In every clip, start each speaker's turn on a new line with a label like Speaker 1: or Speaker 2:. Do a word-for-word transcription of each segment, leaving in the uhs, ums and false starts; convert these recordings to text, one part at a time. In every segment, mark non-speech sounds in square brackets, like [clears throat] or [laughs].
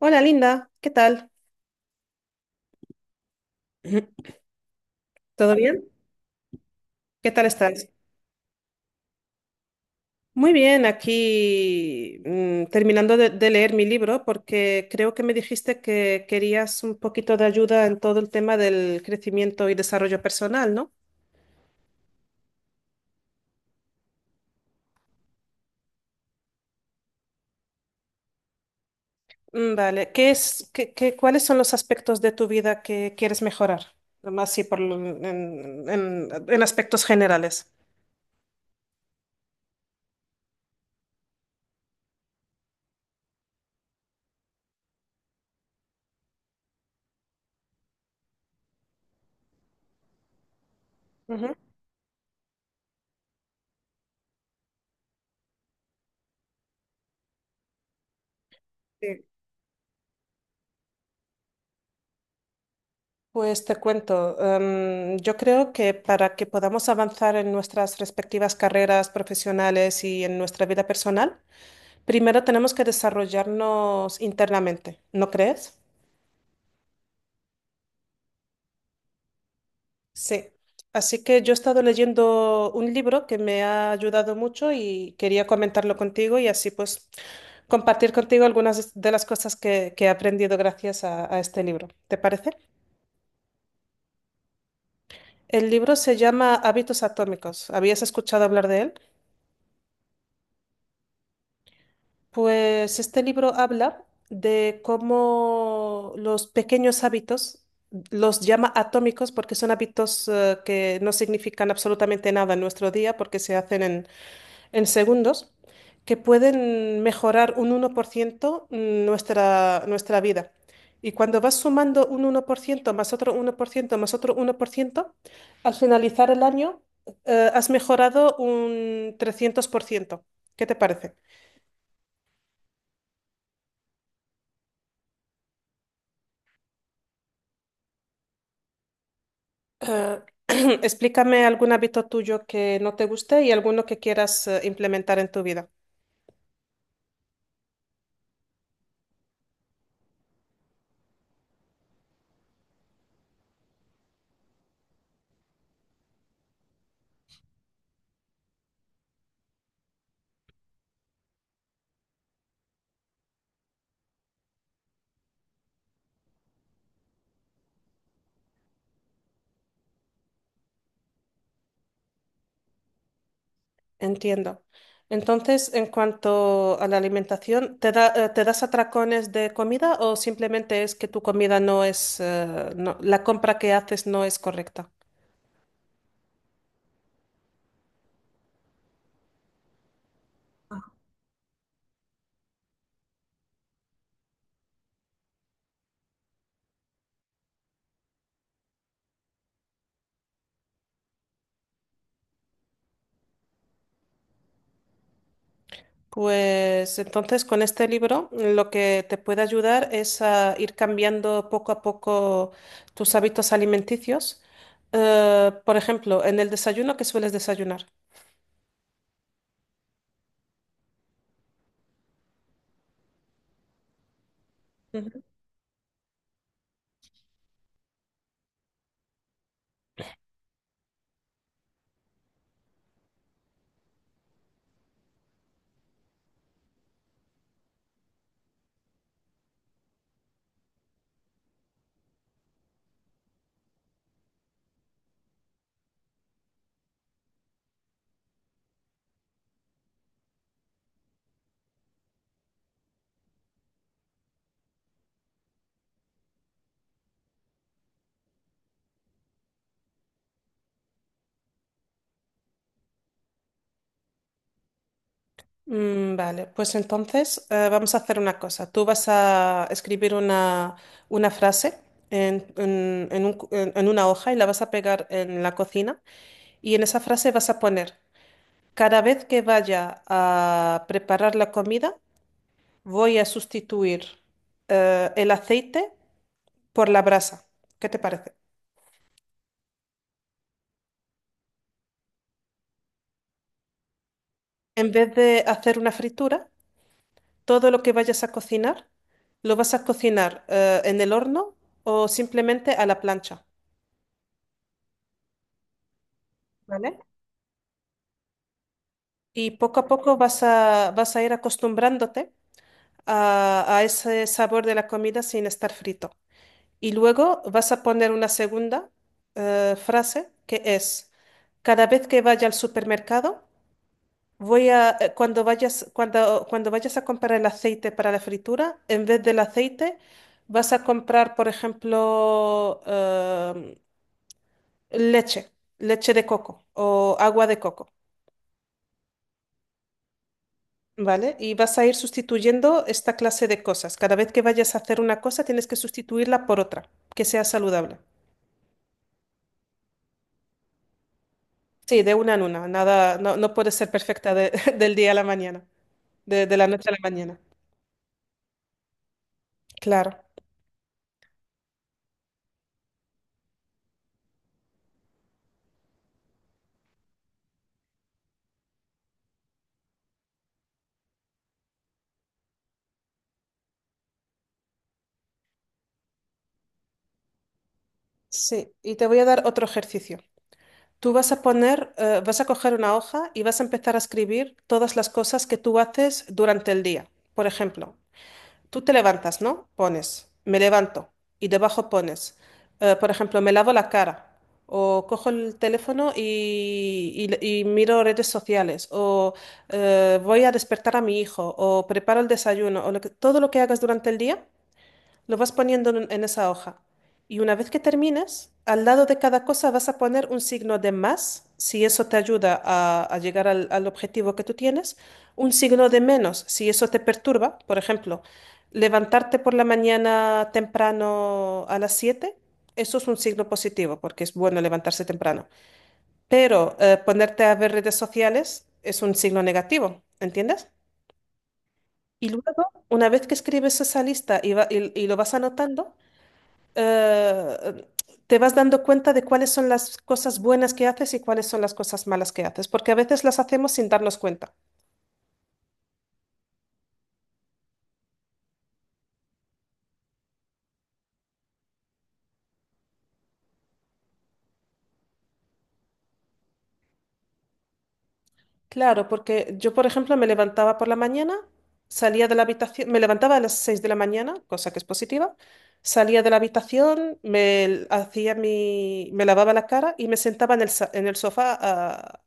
Speaker 1: Hola Linda, ¿qué tal? [clears throat] Ujú. ¿Todo bien? ¿Qué tal estás? Muy bien, aquí mm, terminando de, de leer mi libro porque creo que me dijiste que querías un poquito de ayuda en todo el tema del crecimiento y desarrollo personal, ¿no? Mm, Vale, ¿qué es, qué, qué- cuáles son los aspectos de tu vida que quieres mejorar? Más así por, lo- en, en- en aspectos generales. Ujú. Sí. Pues te cuento, em, yo creo que para que podamos avanzar en nuestras respectivas carreras profesionales y en nuestra vida personal, primero tenemos que desarrollarnos internamente, ¿no crees? Sí. Así que yo he estado leyendo un libro que me ha ayudado mucho y quería comentarlo contigo y así pues compartir contigo algunas de las cosas que, que he aprendido gracias a a este libro. ¿Te parece? El libro se llama Hábitos Atómicos. ¿Habías escuchado hablar de él? Pues este libro habla de cómo los pequeños hábitos, los llama atómicos porque son hábitos eh, que no significan absolutamente nada en nuestro día porque se hacen en, en segundos, que pueden mejorar un uno por ciento mm, nuestra, nuestra vida. Y cuando vas sumando un uno por ciento más otro uno por ciento más otro uno por ciento, al finalizar el año, eh, has mejorado un trescientos por ciento. ¿Qué te parece? Eh, [clears throat] Explícame algún hábito tuyo que no te guste y alguno que quieras eh, implementar en tu vida. Entiendo. Entonces, en cuanto a la alimentación, ¿te da, eh, te das atracones de comida o simplemente es que tu comida no es, eh, no- la compra que haces no es correcta? Pues entonces con este libro lo que te puede ayudar es a ir cambiando poco a poco tus hábitos alimenticios. Eh, por ejemplo, en el desayuno, ¿qué sueles desayunar? Mm, Vale, pues entonces eh, vamos a hacer una cosa. Tú vas a escribir una, una frase en, en- en un cu- en- en una hoja y la vas a pegar en la cocina y en esa frase vas a poner, cada vez que vaya a preparar la comida, voy a sustituir eh, el aceite por la brasa. ¿Qué te parece? En vez de hacer una fritura, todo lo que vayas a cocinar, lo vas a cocinar eh, en el horno o simplemente a la plancha. ¿Vale? Y poco a poco vas a, vas a ir acostumbrándote a, a ese sabor de la comida sin estar frito. Y luego vas a poner una segunda eh, frase que es, cada vez que vaya al supermercado, voy a, eh, cuando vayas, cuando, cuando vayas a comprar el aceite para la fritura, en vez del aceite, vas a comprar, por ejemplo, eh, leche, leche de coco o agua de coco. ¿Vale? Y vas a ir sustituyendo esta clase de cosas. Cada vez que vayas a hacer una cosa, tienes que sustituirla por otra, que sea saludable. Sí, de una en una. Nada, no, no puede ser perfecta de- [laughs] del día a la mañana, de, de la noche a la mañana. Claro. Sí, y te voy a dar otro ejercicio. Tú vas a poner, eh, vas a coger una hoja y vas a empezar a escribir todas las cosas que tú haces durante el día. Por ejemplo, tú te levantas, ¿no? Pones, me levanto y debajo pones, eh, por ejemplo, me lavo la cara o cojo el teléfono y, y- y miro redes sociales o eh, voy a despertar a mi hijo o preparo el desayuno o lo que- todo lo que hagas durante el día lo vas poniendo en, en esa hoja. Y una vez que termines, al lado de cada cosa vas a poner un signo de más, si eso te ayuda a, a llegar al, al objetivo que tú tienes, un signo de menos, si eso te perturba. Por ejemplo, levantarte por la mañana temprano a las siete, eso es un signo positivo, porque es bueno levantarse temprano. Pero eh, ponerte a ver redes sociales es un signo negativo, ¿entiendes? Y luego, una vez que escribes esa lista y, va- y y lo vas anotando, eh, te vas dando cuenta de cuáles son las cosas buenas que haces y cuáles son las cosas malas que haces, porque a veces las hacemos sin darnos cuenta. Claro, porque yo, por ejemplo, me levantaba por la mañana, salía de la habitación, me levantaba a las seis de la mañana, cosa que es positiva, salía de la habitación, me l- hacía mi, me lavaba la cara y me sentaba en el, sa- en el sofá a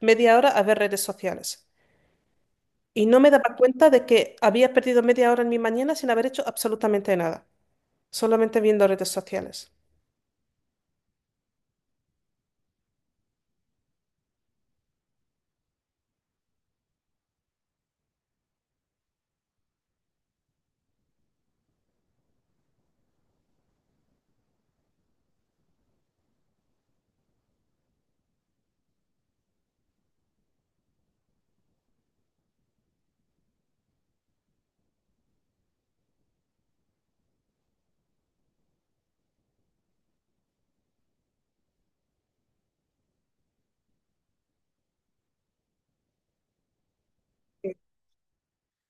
Speaker 1: media hora a ver redes sociales. Y no me daba cuenta de que había perdido media hora en mi mañana sin haber hecho absolutamente nada. solamente viendo redes sociales.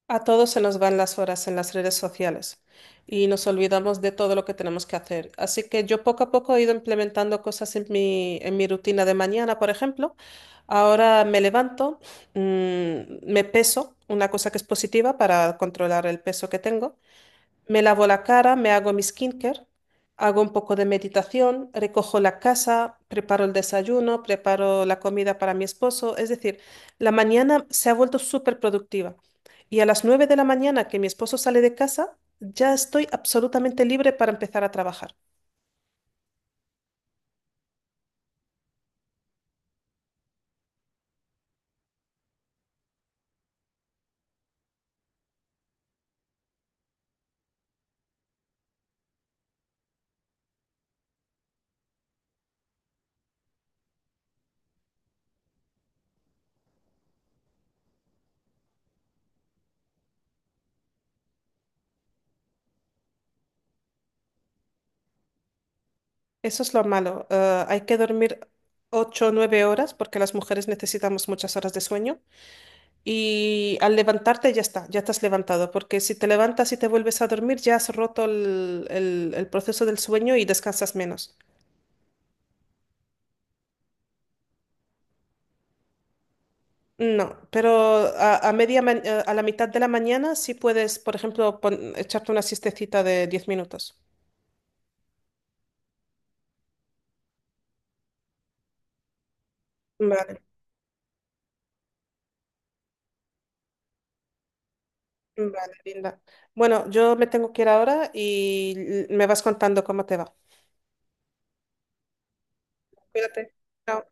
Speaker 1: A todos se nos van las horas en las redes sociales y nos olvidamos de todo lo que tenemos que hacer. Así que yo poco a poco he ido implementando cosas en mi, en mi rutina de mañana, por ejemplo. Ahora me levanto, mm, me peso, una cosa que es positiva para controlar el peso que tengo. Me lavo la cara, me hago mi skincare, hago un poco de meditación, recojo la casa, preparo el desayuno, preparo la comida para mi esposo. Es decir, la mañana se ha vuelto súper productiva. Y a las nueve de la mañana que mi esposo sale de casa, ya estoy absolutamente libre para empezar a trabajar. Eso es lo malo. Eh, hay que dormir ocho o nueve horas porque las mujeres necesitamos muchas horas de sueño. Y al levantarte ya está, ya estás levantado, porque si te levantas y te vuelves a dormir, ya has roto el, el- el proceso del sueño y descansas menos. No, pero a, a media ma- eh, a la mitad de la mañana sí puedes, por ejemplo, pon- echarte una siestecita de diez minutos. Vale, vale, Linda. Bueno, yo me tengo que ir ahora y l- me vas contando cómo te va. Cuídate. Chao.